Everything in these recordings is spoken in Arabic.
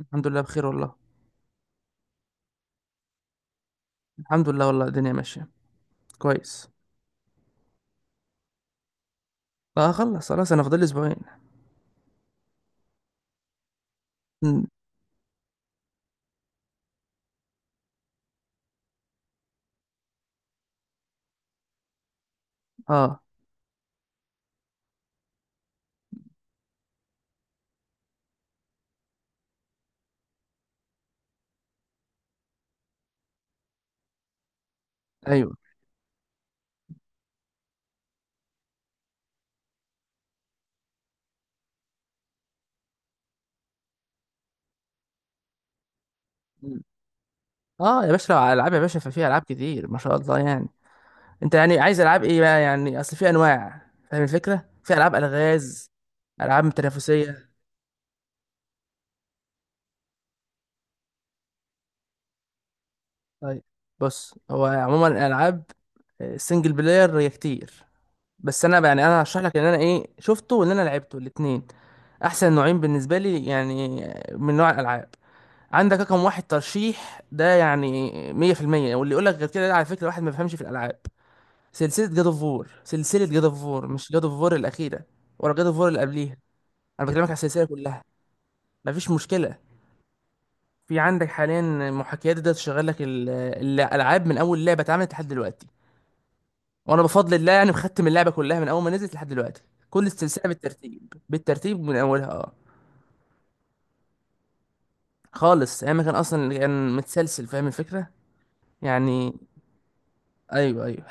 الحمد لله بخير والله. الحمد لله والله، الدنيا ماشية كويس. لا، هخلص خلاص، انا فاضل لي اسبوعين. مم. اه. ايوه. مم. اه يا باشا، لو على العاب يا باشا ففي العاب كتير ما شاء الله يعني. انت يعني عايز العاب ايه بقى؟ يعني اصل في انواع. فاهم الفكرة؟ في العاب الغاز. العاب تنافسية. طيب. بص، هو عموما الالعاب السنجل بلاير هي كتير. بس يعني انا هشرح لك ان انا ايه شفته وان انا لعبته الاتنين. احسن نوعين بالنسبة لي يعني من نوع الالعاب. عندك رقم واحد ترشيح ده يعني 100%. واللي يقول لك غير كده ده على فكرة واحد ما بيفهمش في الألعاب. سلسلة جاد اوف وور، مش جاد اوف وور الأخيرة. ولا جاد اوف وور اللي قبليها. أنا بكلمك على السلسلة كلها. مفيش مشكلة. في عندك حاليا محاكيات ده تشغل لك الألعاب من أول لعبة اتعملت لحد دلوقتي. وأنا بفضل الله يعني مختم اللعبة كلها من أول ما نزلت لحد دلوقتي. كل السلسلة بالترتيب بالترتيب من أولها أه. خالص أيام ما كان، أصلا كان متسلسل، فاهم الفكرة. يعني أيوه أيوه.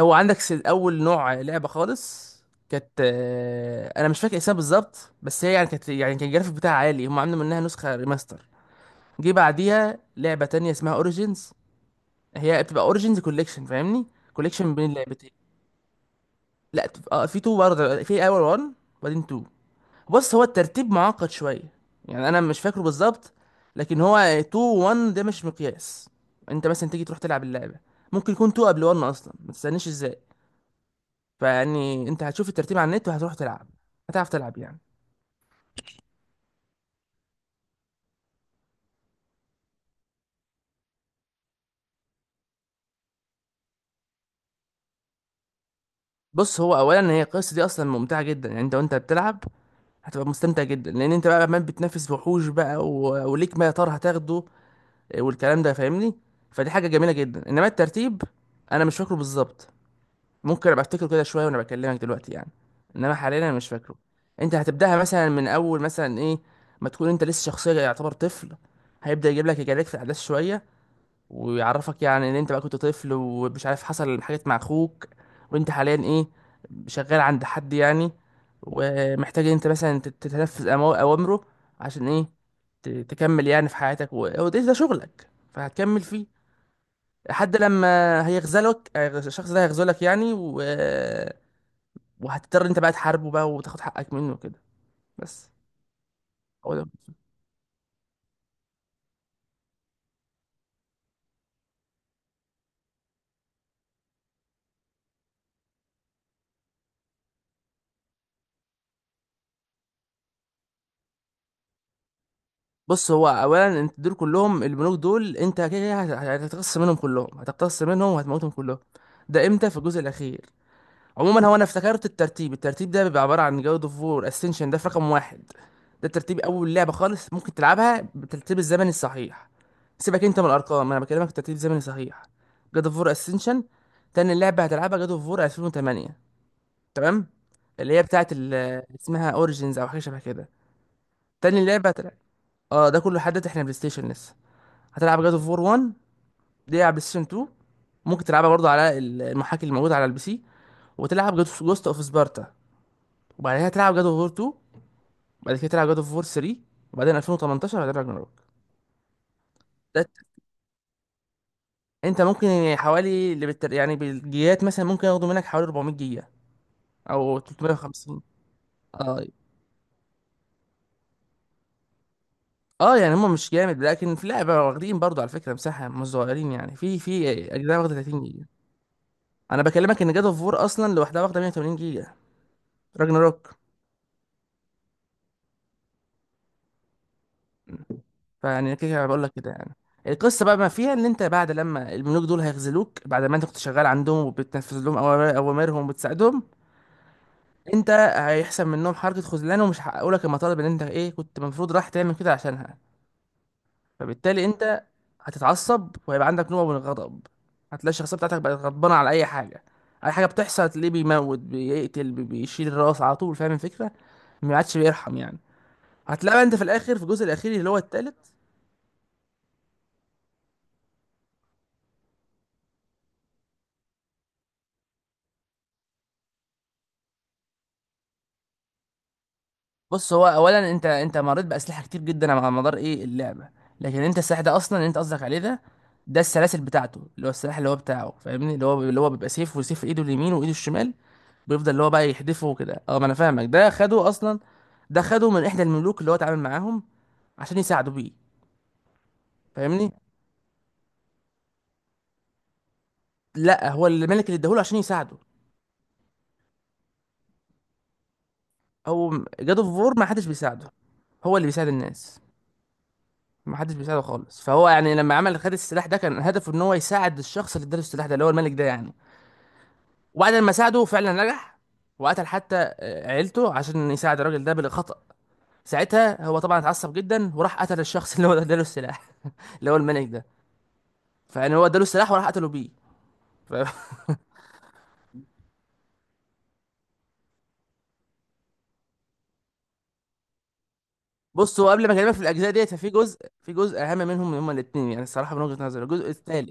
هو عندك اول نوع لعبه خالص. كانت انا مش فاكر اسمها بالظبط، بس هي يعني كانت يعني كان الجرافيك بتاعها عالي، هم عاملين منها نسخه ريماستر. جه بعديها لعبه تانية اسمها اوريجينز. هي بتبقى اوريجينز كوليكشن، فاهمني؟ كوليكشن بين اللعبتين. لا اه، في تو برضه، في اول 1 وبعدين 2. بص، هو الترتيب معقد شويه. يعني انا مش فاكره بالظبط. لكن هو 2 1 ده مش مقياس. انت مثلا تيجي تروح تلعب اللعبه. ممكن يكون 2 قبل 1 اصلا، ما تستناش ازاي. فيعني انت هتشوف الترتيب على النت وهتروح تلعب. هتعرف تلعب يعني. بص، هو اولا هي القصه دي اصلا ممتعه جدا، يعني انت وانت بتلعب هتبقى مستمتع جدا، لان انت بقى عمال بتنافس وحوش بقى وليك ما يا ترى هتاخده. اه، والكلام ده فاهمني؟ فدي حاجه جميله جدا، انما الترتيب انا مش فاكره بالظبط. ممكن ابقى افتكره كده شويه وانا بكلمك دلوقتي يعني، انما حاليا انا مش فاكره. انت هتبداها مثلا من اول مثلا ايه، ما تكون انت لسه شخصيه يعتبر طفل. هيبدا يجيب لك يجاريك في الاحداث شويه، ويعرفك يعني ان انت بقى كنت طفل ومش عارف حصل حاجات مع اخوك. وانت حاليا ايه؟ شغال عند حد يعني، ومحتاج ان انت مثلا تتنفذ اوامره. عشان ايه؟ تكمل يعني في حياتك، وده شغلك فهتكمل فيه. لحد لما هيغزلك، الشخص ده هيغزلك يعني وهتضطر انت بقى تحاربه بقى وتاخد حقك منه كده. بس. بص، هو اولا انت دول كلهم، البنوك دول انت كده كده هتقتص منهم كلهم، هتقتص منهم وهتموتهم كلهم. ده امتى؟ في الجزء الاخير. عموما هو انا افتكرت الترتيب ده بيبقى عباره عن جود اوف وور اسنشن، ده في رقم واحد. ده ترتيب اول لعبه خالص ممكن تلعبها بالترتيب الزمني الصحيح. سيبك انت من الارقام، انا بكلمك الترتيب الزمني الصحيح. جود اوف وور اسنشن. تاني لعبه هتلعبها جود اوف وور 2008. تمام. اللي هي بتاعت ال- اسمها اوريجينز او حاجه شبه كده. تاني لعبه هتلعب. اه، ده كله حدث احنا بلاي ستيشن لسه. هتلعب جاد اوف وور 1. دي على بلاي ستيشن 2. ممكن تلعبها برضو على المحاكي الموجوده على البي سي. وتلعب جاد اوف جوست اوف سبارتا. وبعدها تلعب جاد اوف وور 2. وبعد كده تلعب جاد اوف وور 3. وبعدين 2018 هتلعب راجناروك. ده انت ممكن يعني حوالي يعني بالجيجات مثلا ممكن ياخدوا منك حوالي 400 جيجا او 350. اه. اه، يعني هم مش جامد لكن في لعبه واخدين برضو على فكره مساحه مش صغيرين، يعني في اجزاء واخده 30 جيجا. انا بكلمك ان جاد اوف وور اصلا لوحدها واخده 180 جيجا. راجناروك. فيعني كده كده بقول لك كده يعني. القصه بقى ما فيها ان انت بعد لما الملوك دول هيخذلوك، بعد ما انت كنت شغال عندهم وبتنفذ لهم اوامرهم وبتساعدهم. انت هيحصل منهم حركه خذلان، ومش هيحققوا لك المطالب اللي انت ايه كنت المفروض راح تعمل كده عشانها. فبالتالي انت هتتعصب، وهيبقى عندك نوع من الغضب. هتلاقي الشخصيه بتاعتك بقت غضبانه على اي حاجه. اي حاجه بتحصل تلاقيه بيموت بيقتل بيشيل الراس على طول، فاهم الفكره؟ ما عادش بيرحم يعني. هتلاقي بقى انت في الاخر في الجزء الاخير اللي هو التالت. بص، هو اولا انت مريت باسلحه كتير جدا على مدار ايه اللعبه. لكن انت السلاح ده اصلا اللي انت قصدك عليه ده، ده السلاسل بتاعته، اللي هو السلاح اللي هو بتاعه فاهمني، اللي هو بيبقى سيف وسيف في ايده اليمين وايده الشمال. بيفضل اللي هو بقى يحدفه كده. اه، ما انا فاهمك، ده خده اصلا. ده خده من احدى الملوك اللي هو اتعامل معاهم عشان يساعده بيه. فاهمني؟ لا، هو الملك اللي اداهوله عشان يساعده. هو. جاد اوف وور ما حدش بيساعده. هو اللي بيساعد الناس. ما حدش بيساعده خالص، فهو يعني لما عمل خد السلاح ده كان هدفه ان هو يساعد الشخص اللي اداله السلاح ده اللي هو الملك ده يعني. وبعد ما ساعده فعلا نجح. وقتل حتى عيلته عشان يساعد الراجل ده بالخطأ. ساعتها هو طبعا اتعصب جدا وراح قتل الشخص اللي هو اداله السلاح، اللي هو الملك ده. فيعني هو اداله السلاح وراح قتله بيه. ف- بص، هو قبل ما اكلمك في الاجزاء ديت، ففي جزء اهم منهم هما الاثنين يعني، الصراحه من وجهه نظري الجزء الثالث.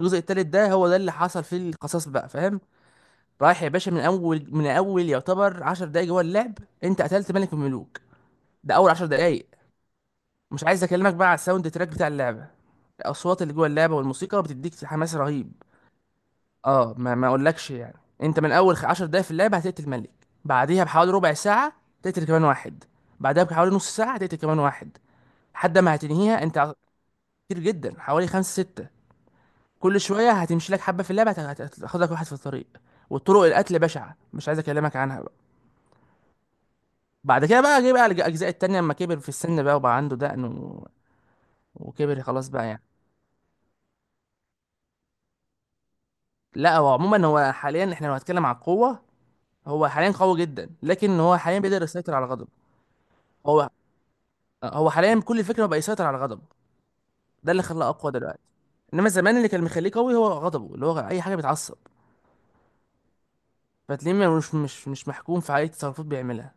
الجزء الثالث ده هو ده اللي حصل فيه القصاص بقى، فاهم؟ رايح يا باشا، من اول من اول يعتبر 10 دقايق جوه اللعب. انت قتلت ملك من الملوك. ده اول 10 دقايق. مش عايز اكلمك بقى على الساوند تراك بتاع اللعبه. الاصوات اللي جوه اللعبه والموسيقى بتديك حماس رهيب. اه، ما اقولكش يعني. انت من اول 10 دقايق في اللعبه هتقتل ملك. بعديها بحوالي ربع ساعه تقتل كمان واحد. بعدها بحوالي نص ساعه هتقتل كمان واحد. لحد ما هتنهيها انت. كتير جدا، حوالي خمسة ستة. كل شويه هتمشي لك حبه في اللعبه هتاخد لك واحد في الطريق. والطرق القتل بشعه، مش عايز اكلمك عنها بقى. بعد كده بقى جه بقى الاجزاء التانية لما كبر في السن بقى، وبقى عنده دقن وكبر خلاص بقى يعني. لا، هو عموما هو حاليا احنا لو هنتكلم على القوه، هو حاليا قوي جدا، لكن هو حاليا بيقدر يسيطر على غضبه. هو هو حاليا كل الفكره هو بقى يسيطر على غضبه. ده اللي خلاه اقوى دلوقتي. انما زمان اللي كان مخليه قوي هو غضبه، اللي هو اي حاجه بيتعصب، فتلاقيه مش محكوم في اي تصرفات بيعملها.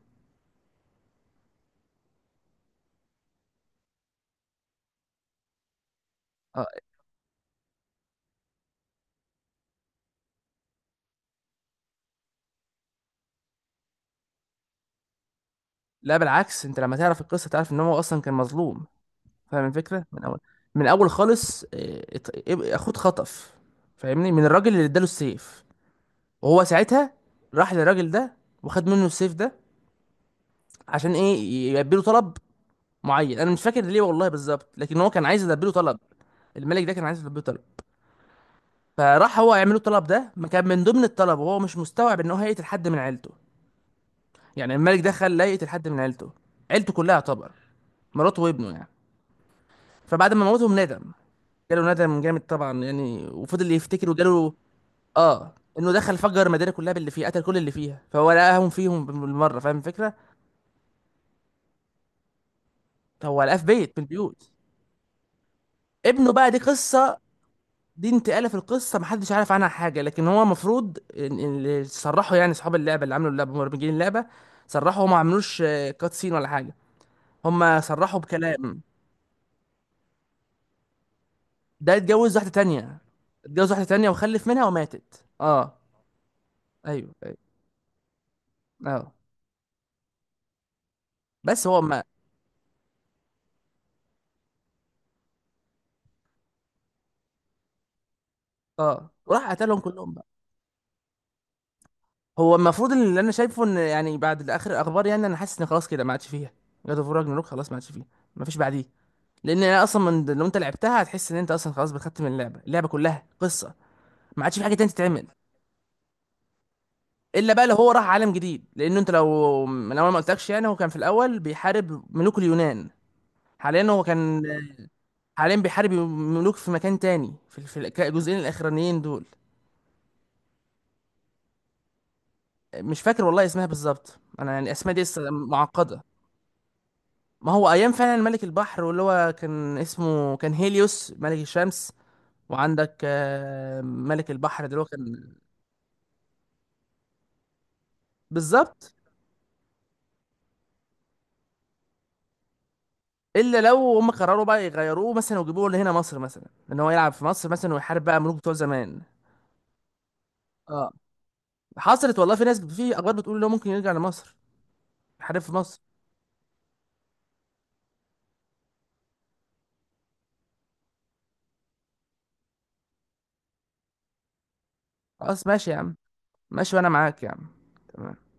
اه. لا، بالعكس، انت لما تعرف القصه تعرف ان هو اصلا كان مظلوم. فاهم الفكره؟ من اول، من اول خالص، اخوه اتخطف. فاهمني؟ من الراجل اللي اداله السيف. وهو ساعتها راح للراجل ده وخد منه السيف ده. عشان ايه؟ يلبي له طلب معين، انا مش فاكر ليه والله بالظبط، لكن هو كان عايز يلبي له طلب. الملك ده كان عايز يلبي له طلب. فراح هو يعمل له الطلب ده، ما كان من ضمن الطلب وهو مش مستوعب ان هو هيقتل حد من عيلته. يعني الملك ده خلاه يقتل حد من عيلته. عيلته كلها يعتبر، مراته وابنه يعني. فبعد ما موتهم ندم. جاله ندم جامد طبعا يعني، وفضل يفتكر وجاله. اه، انه دخل فجر المدينه كلها باللي فيها، قتل كل اللي فيها، فهو لقاهم فيهم بالمره، فاهم الفكره؟ هو لقاه في بيت من البيوت. ابنه بقى دي قصه. دي انتقاله في القصه محدش عارف عنها حاجه، لكن هو المفروض إن اللي صرحوا يعني اصحاب اللعبه اللي عملوا اللعبه مبرمجين اللعبه، صرحوا هم ما عملوش كات سين ولا حاجه. هم صرحوا بكلام. ده اتجوز واحده تانية اتجوز واحده تانية وخلف منها وماتت. اه، ايوه أيوة. اه. بس هو ما. اه، وراح قتلهم كلهم بقى. هو المفروض اللي انا شايفه، ان يعني بعد اخر الاخبار يعني، انا حاسس ان خلاص كده ما عادش فيها. جاد اوف راجناروك خلاص ما عادش فيها. ما فيش بعديه. لان انا اصلا من لو انت لعبتها هتحس ان انت اصلا خلاص بتختم اللعبه. اللعبه كلها قصه. ما عادش في حاجه تانية تتعمل. الا بقى لو هو راح عالم جديد، لانه انت لو من اول ما قلتلكش يعني، هو كان في الاول بيحارب ملوك اليونان. حاليا هو كان، حاليا بيحارب ملوك في مكان تاني في الجزئين الاخرانيين دول. مش فاكر والله اسمها بالظبط، انا يعني اسماء دي لسه معقده. ما هو ايام فعلا ملك البحر، واللي هو كان اسمه كان هيليوس ملك الشمس. وعندك ملك البحر اللي هو كان. بالظبط. الا لو هم قرروا بقى يغيروه مثلا ويجيبوه لهنا مصر مثلا، ان هو يلعب في مصر مثلا ويحارب بقى ملوك بتوع زمان. اه. حصلت والله، في ناس في اخبار بتقول ان هو ممكن يرجع لمصر يحارب في مصر. خلاص، ماشي يا عم. ماشي وانا معاك يا عم. تمام.